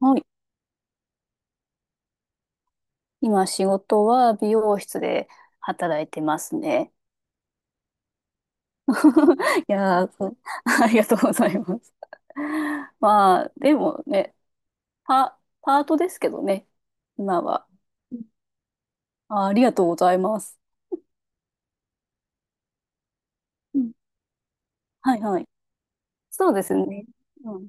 はい。今仕事は美容室で働いてますね。いやー、そう ありがとうございます。まあ、でもね、パートですけどね、今は。あ、ありがとうございます。うん、はいはい。そうですね。うん、い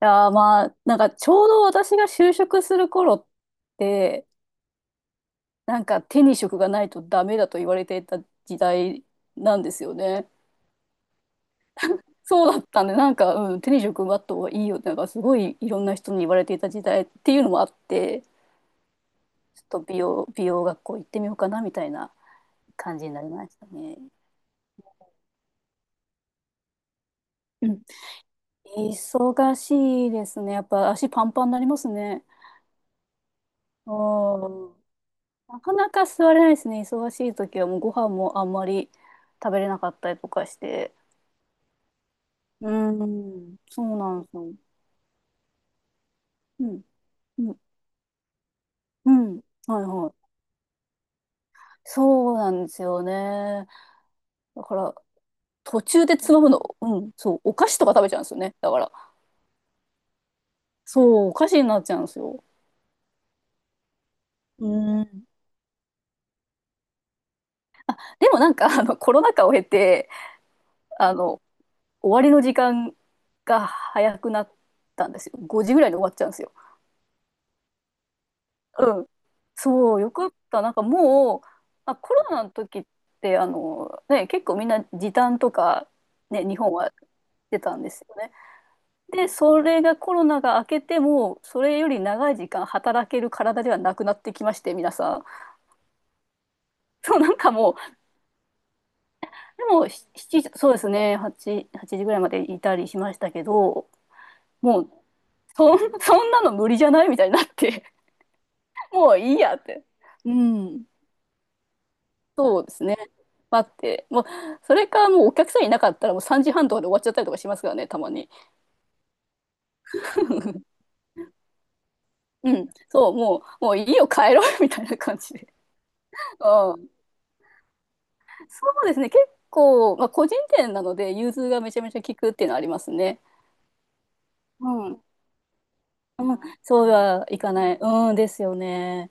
やー、まあ、なんかちょうど私が就職する頃って、なんか手に職がないとダメだと言われていた時代なんですよね。そうだったんで、なんか、うん、手に職奪った方がいいよって、なんかすごいいろんな人に言われていた時代っていうのもあって、ちょっと美容学校行ってみようかなみたいな感じになりましたね。うん。忙しいですね。やっぱ足パンパンになりますね。うん。なかなか座れないですね。忙しい時はもうご飯もあんまり食べれなかったりとかして。うん、そうなんですよ。うん、うん、うん。はいはい。そうなんですよね。だから、途中でつまむの、うん、そう、お菓子とか食べちゃうんですよね。だから、そう、お菓子になっちゃうんですよ。うん。でもなんか、コロナ禍を経て、あの、終わりの時間が早くなったんですよ。5時ぐらいに終わっちゃうんですよ。うん。そう、よかった。なんかもう、あ、コロナの時って、ね、結構みんな時短とか、ね、日本はしてたんですよね。で、それがコロナが明けても、それより長い時間働ける体ではなくなってきまして、皆さん。そう、なんかもう、でも、ししちそうですね、8時ぐらいまでいたりしましたけど、もう、そんなの無理じゃないみたいになって、もういいやって。うん、そうですね。待って、もう、それかもうお客さんいなかったらもう3時半とかで終わっちゃったりとかしますからね、たまに。うん、そう、もう、もういいよ、帰ろう みたいな感じで。うん、そうですね、結構、まあ、個人店なので、融通がめちゃめちゃ効くっていうのはありますね。うんうん、そうはいかないうんですよね。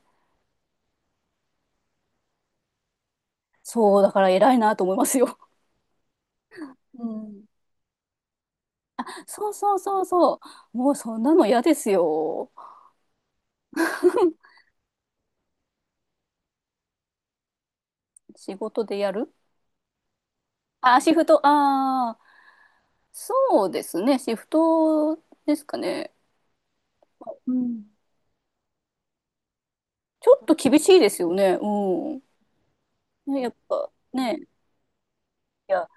そう、だから偉いなと思いますよ。うん。そうそうそうそう。もうそんなの嫌ですよ。仕事でやる。あ、シフト、ああ、そうですね。シフトですかね。うん。ちょっと厳しいですよね。うん。ね、やっぱね。いや、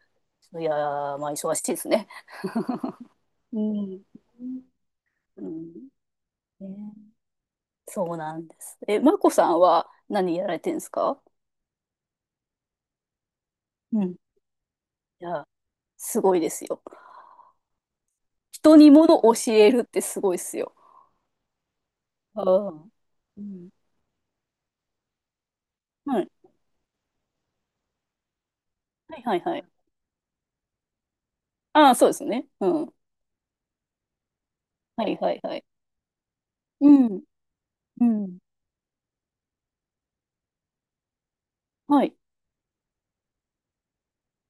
いや、まあ忙しいですね。うん。うん。ね、そうなんです。え、まこさんは何やられてるんですか？うん。いや、すごいですよ。人にものを教えるってすごいですよ。ああ。うん、はい。はいはいはい。ああ、そうですね。うん。はいはいはい。うん。うん。はい。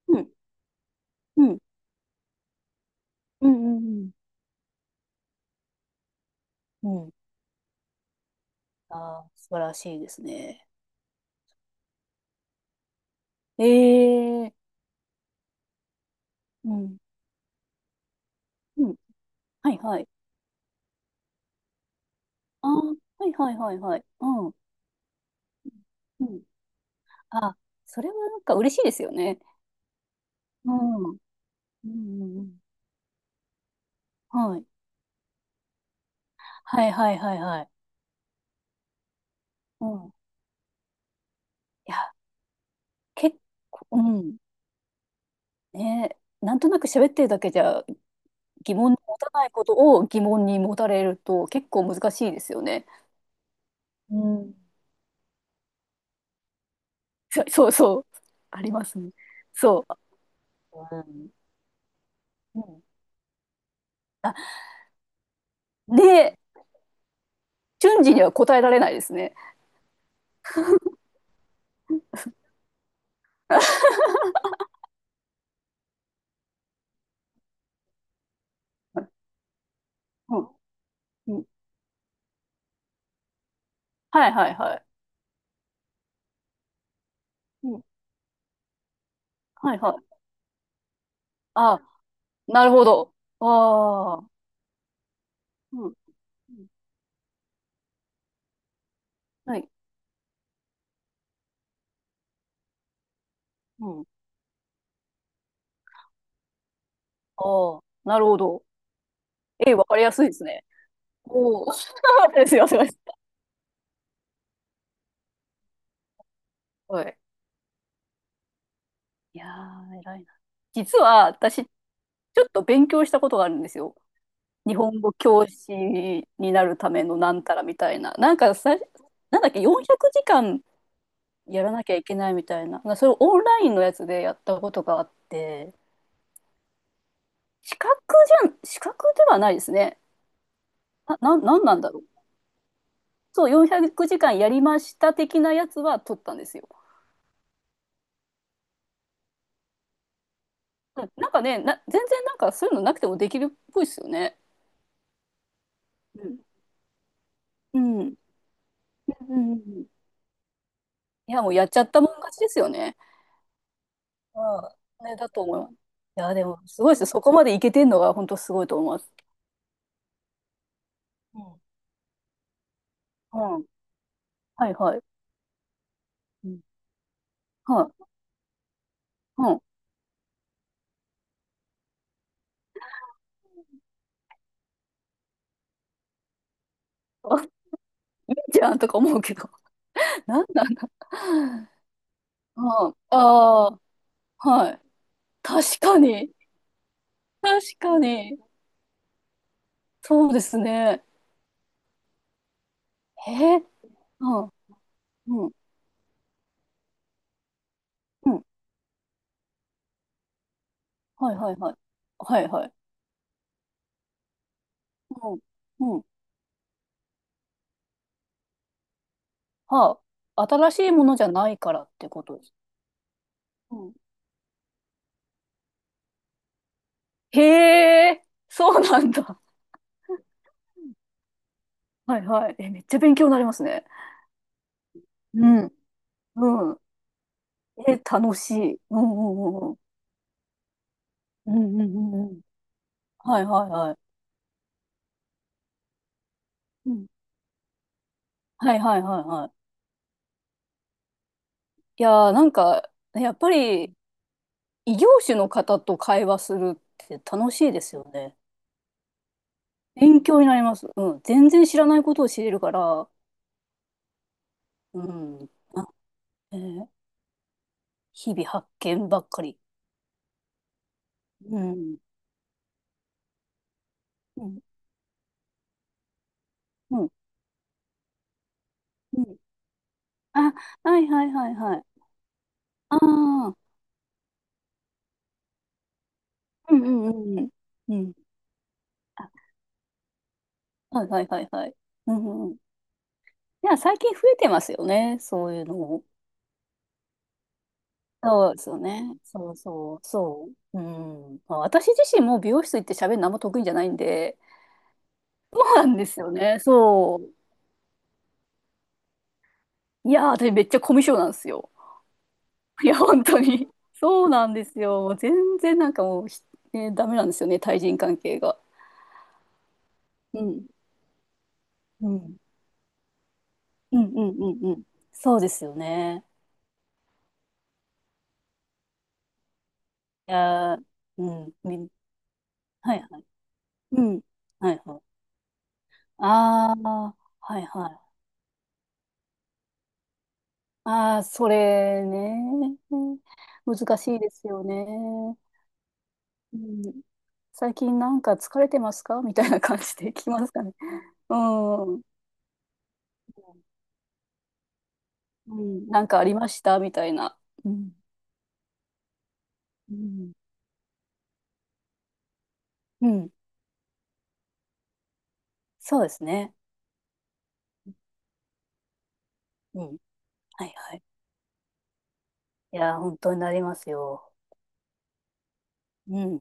うん。うん。うんうんうん。うん。ああ、素晴らしいですね。ええ、うん。うん。はいはい。ああ、はいはいはいはい。うん。うん。あ、それはなんか嬉しいですよね。うん。うんうんうん。はい。はいはいはいはい。うん。いや、結構、うん。ね、なんとなく喋ってるだけじゃ疑問に持たないことを疑問に持たれると結構難しいですよね。うん。そうそう。ありますね。そう、うん。うん、あ、で、瞬時には答えられないですね。うん。うん、はいはいはい。うん。はいはい。あ、なるほど。ああ。うん。うん、はい。うん。ああ。なるほど。ええ、わかりやすいですね。おお。ですよ、すいません。はい。いやー、偉いな。実は私、ちょっと勉強したことがあるんですよ。日本語教師になるためのなんたらみたいな。なんかさ、なんだっけ、400時間やらなきゃいけないみたいな。それをオンラインのやつでやったことがあって、資格じゃん、資格ではないですね。なんなんだろう。そう、400時間やりました的なやつは取ったんですよ。うん、なんかね、全然なんかそういうのなくてもできるっぽいですよね。うん。うん。うん。いや、もうやっちゃったもん勝ちですよね。うん。ね、だと思います。いや、でも、すごいですよ。そこまでいけてんのが、本当すごいと思います。うん。うん。はいはい。うん。はい。うん。あ、いいじゃんとか思うけど。なんなんだ。うん。ああ、はい。確かに。確かに。そうですね。えー、うん。うん。うん。はいはいはい。はいはい。うん。うん。はあ。新しいものじゃないからってことです。うん。へえ、そうなんだ。はいはい。え、めっちゃ勉強になりますね。うん。うん。え、楽しい。うんうんうんうん。うんうんうんうん。はいはいはい。うん。はいはいはいはい。いやー、なんか、やっぱり異業種の方と会話するって楽しいですよね。勉強になります。うん。全然知らないことを知れるから、うん。あ、えー日々発見ばっかり。うん。うん。うん。うん。あ、はいはいはいはい。ああ。うんうんうんうん。うん。はいはいはいはい。うんうん。いや、最近増えてますよね、そういうのも。そうですよね。そうそう、そう。うん。まあ、私自身も美容室行って喋るのあんま得意じゃないんで、そうなんですよね。そう。いやー、私めっちゃコミュ障なんですよ。いや、本当に。そうなんですよ。もう全然なんかもうね、ダメなんですよね、対人関係が。うん。うん。うんうんうんうん。そうですよね。いやー、うん。はいはい。うん。はいはい。ああ、はいはい。ああ、それね。難しいですよね。うん、最近なんか疲れてますかみたいな感じで聞きますかね。うん。うん、なんかありましたみたいな。うん。うん。うん、そうですね。うん。はいはい。いやー、本当になりますよ。うん。